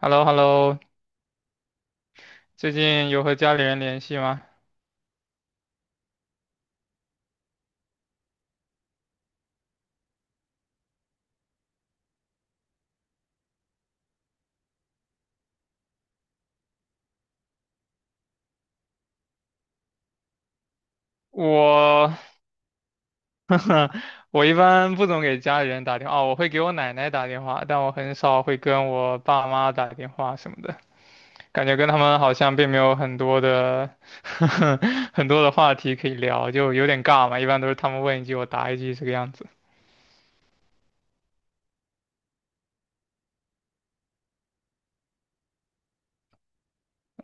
h e l l o h e l l o。 最近有和家里人联系吗？我，我一般不总给家里人打电话，哦我会给我奶奶打电话，但我很少会跟我爸妈打电话什么的。感觉跟他们好像并没有很多的 很多的话题可以聊，就有点尬嘛。一般都是他们问一句，我答一句这个样子。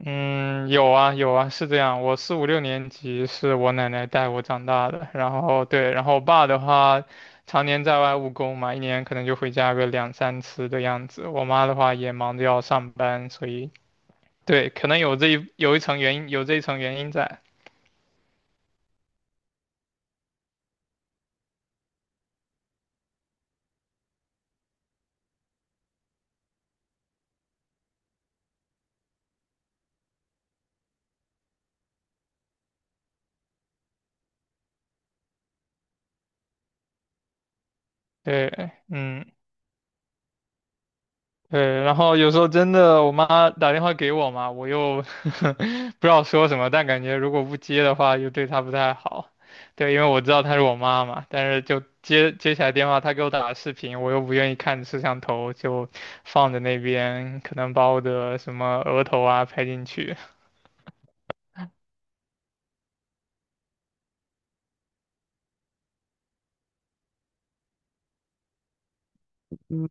嗯，有啊有啊，是这样。我四五六年级是我奶奶带我长大的，然后对，然后我爸的话，常年在外务工嘛，一年可能就回家个两三次的样子。我妈的话也忙着要上班，所以对，可能有一层原因，有这一层原因在。对，嗯。对，然后有时候真的，我妈打电话给我嘛，我又 不知道说什么，但感觉如果不接的话，又对她不太好。对，因为我知道她是我妈嘛，但是就接起来电话，她给我打视频，我又不愿意看摄像头，就放在那边，可能把我的什么额头啊拍进去。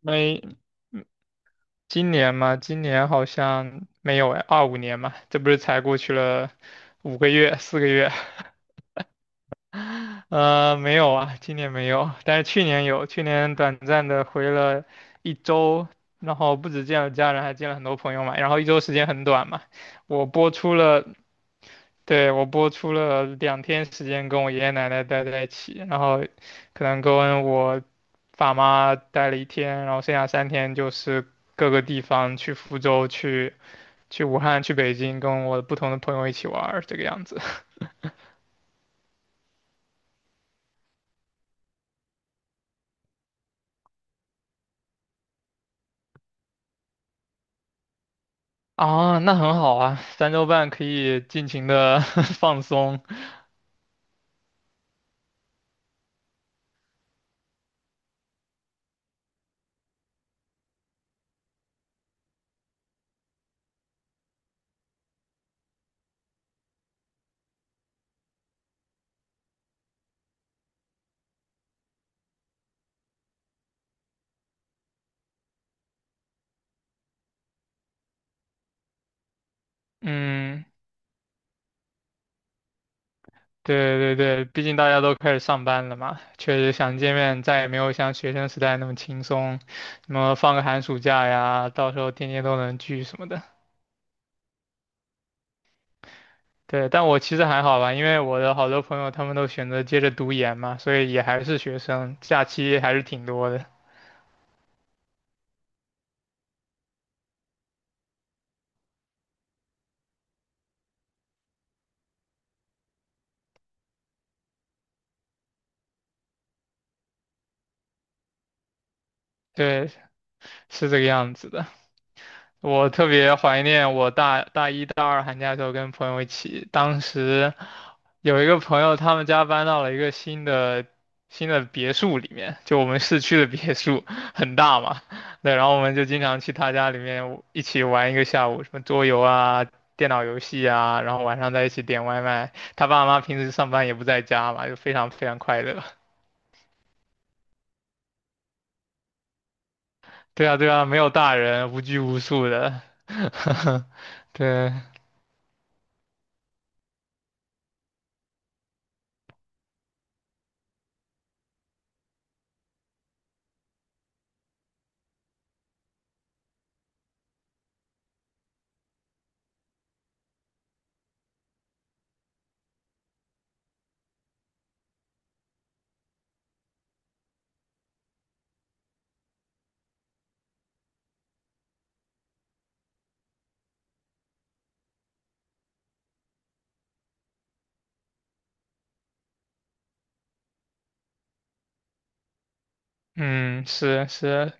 因为今年嘛，今年好像没有哎，二五年嘛，这不是才过去了5个月、4个月。呃，没有啊，今年没有，但是去年有，去年短暂的回了一周，然后不止见了家人，还见了很多朋友嘛，然后一周时间很短嘛。我播出了，对，我播出了2天时间跟我爷爷奶奶待在一起，然后可能跟我爸妈待了一天，然后剩下3天就是各个地方去福州、去武汉、去北京，跟我不同的朋友一起玩儿，这个样子。啊，那很好啊，3周半可以尽情的 放松。嗯，对对对，毕竟大家都开始上班了嘛，确实想见面再也没有像学生时代那么轻松，什么放个寒暑假呀，到时候天天都能聚什么的。对，但我其实还好吧，因为我的好多朋友他们都选择接着读研嘛，所以也还是学生，假期还是挺多的。对，是这个样子的。我特别怀念我大一、大二寒假的时候跟朋友一起，当时有一个朋友，他们家搬到了一个新的别墅里面，就我们市区的别墅，很大嘛。对，然后我们就经常去他家里面一起玩一个下午，什么桌游啊、电脑游戏啊，然后晚上在一起点外卖。他爸妈平时上班也不在家嘛，就非常非常快乐。对啊，对啊，没有大人，无拘无束的。对。嗯，是是，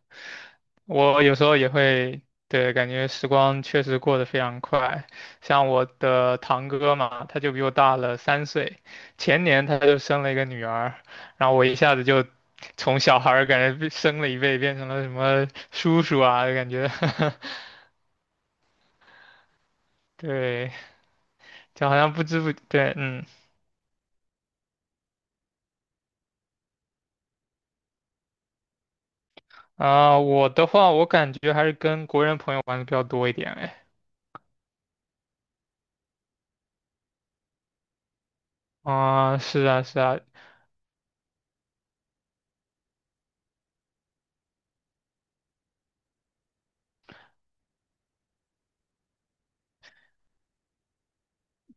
我有时候也会，对，感觉时光确实过得非常快。像我的堂哥嘛，他就比我大了3岁，前年他就生了一个女儿，然后我一下子就从小孩儿感觉被升了一辈，变成了什么叔叔啊，就感觉，对，就好像不知不，对，嗯。啊、我的话，我感觉还是跟国人朋友玩的比较多一点，哎。啊、是啊，是啊，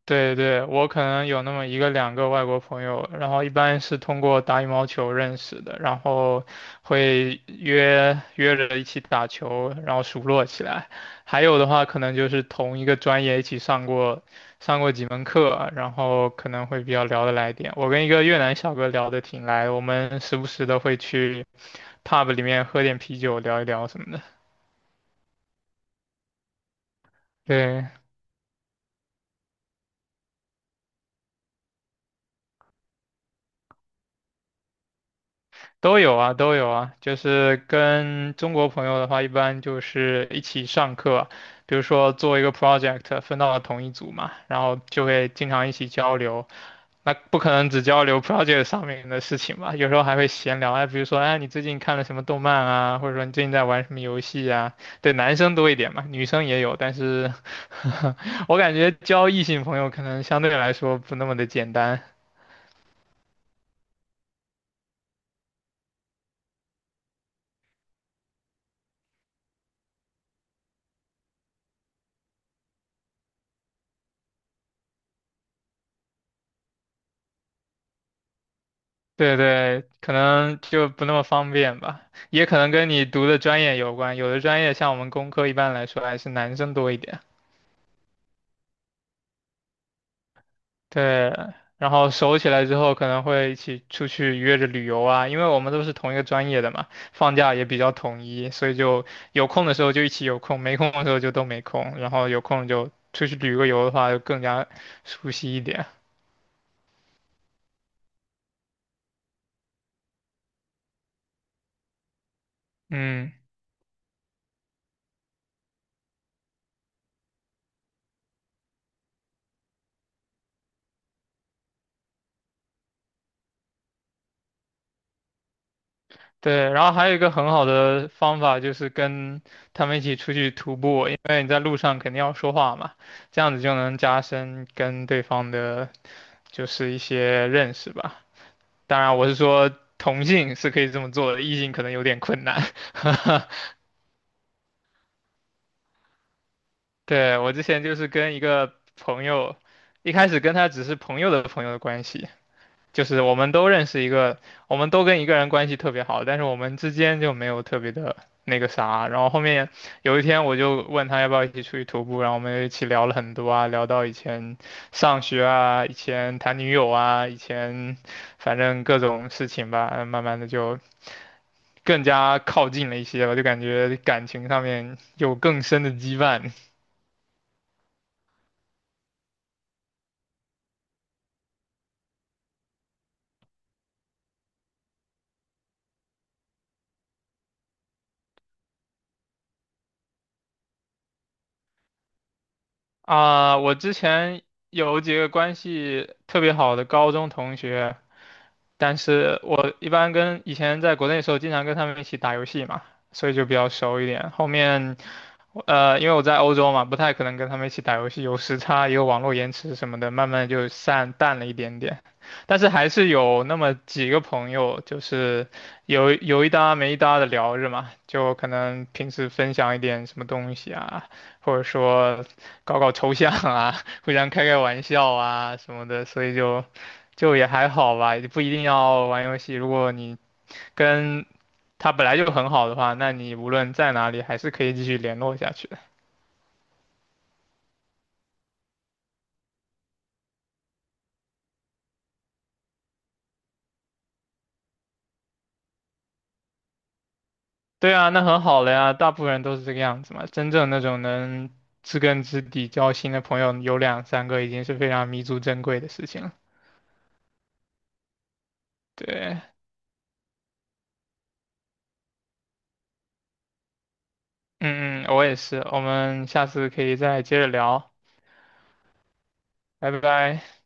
对对，我可能有那么一个两个外国朋友，然后一般是通过打羽毛球认识的，然后会约着一起打球，然后熟络起来。还有的话，可能就是同一个专业一起上过几门课，然后可能会比较聊得来一点。我跟一个越南小哥聊得挺来，我们时不时的会去 pub 里面喝点啤酒，聊一聊什么的。对，都有啊，都有啊，就是跟中国朋友的话，一般就是一起上课，比如说做一个 project，分到了同一组嘛，然后就会经常一起交流。那不可能只交流 project 上面的事情吧，有时候还会闲聊，哎，比如说，哎，你最近看了什么动漫啊，或者说你最近在玩什么游戏啊？对，男生多一点嘛，女生也有，但是 我感觉交异性朋友可能相对来说不那么的简单。对对，可能就不那么方便吧，也可能跟你读的专业有关。有的专业像我们工科，一般来说还是男生多一点。对，然后熟起来之后，可能会一起出去约着旅游啊，因为我们都是同一个专业的嘛，放假也比较统一，所以就有空的时候就一起有空，没空的时候就都没空，然后有空就出去旅个游的话，就更加熟悉一点。嗯。对，然后还有一个很好的方法就是跟他们一起出去徒步，因为你在路上肯定要说话嘛，这样子就能加深跟对方的，就是一些认识吧。当然，我是说同性是可以这么做的，异性可能有点困难。对，我之前就是跟一个朋友，一开始跟他只是朋友的朋友的关系，就是我们都认识一个，我们都跟一个人关系特别好，但是我们之间就没有特别的那个啥。然后后面有一天我就问他要不要一起出去徒步，然后我们就一起聊了很多啊，聊到以前上学啊，以前谈女友啊，以前反正各种事情吧，慢慢的就更加靠近了一些吧，就感觉感情上面有更深的羁绊啊。我之前有几个关系特别好的高中同学。但是我一般跟以前在国内的时候，经常跟他们一起打游戏嘛，所以就比较熟一点。后面因为我在欧洲嘛，不太可能跟他们一起打游戏，有时差，也有网络延迟什么的，慢慢就散淡了一点点。但是还是有那么几个朋友，就是有一搭没一搭的聊着嘛，就可能平时分享一点什么东西啊，或者说搞搞抽象啊，互相开开玩笑啊什么的，所以就也还好吧，也不一定要玩游戏。如果你跟他本来就很好的话，那你无论在哪里还是可以继续联络下去的。对啊，那很好了呀，大部分人都是这个样子嘛。真正那种能知根知底交心的朋友有两三个，已经是非常弥足珍贵的事情了。对，嗯嗯，我也是，我们下次可以再接着聊，拜拜。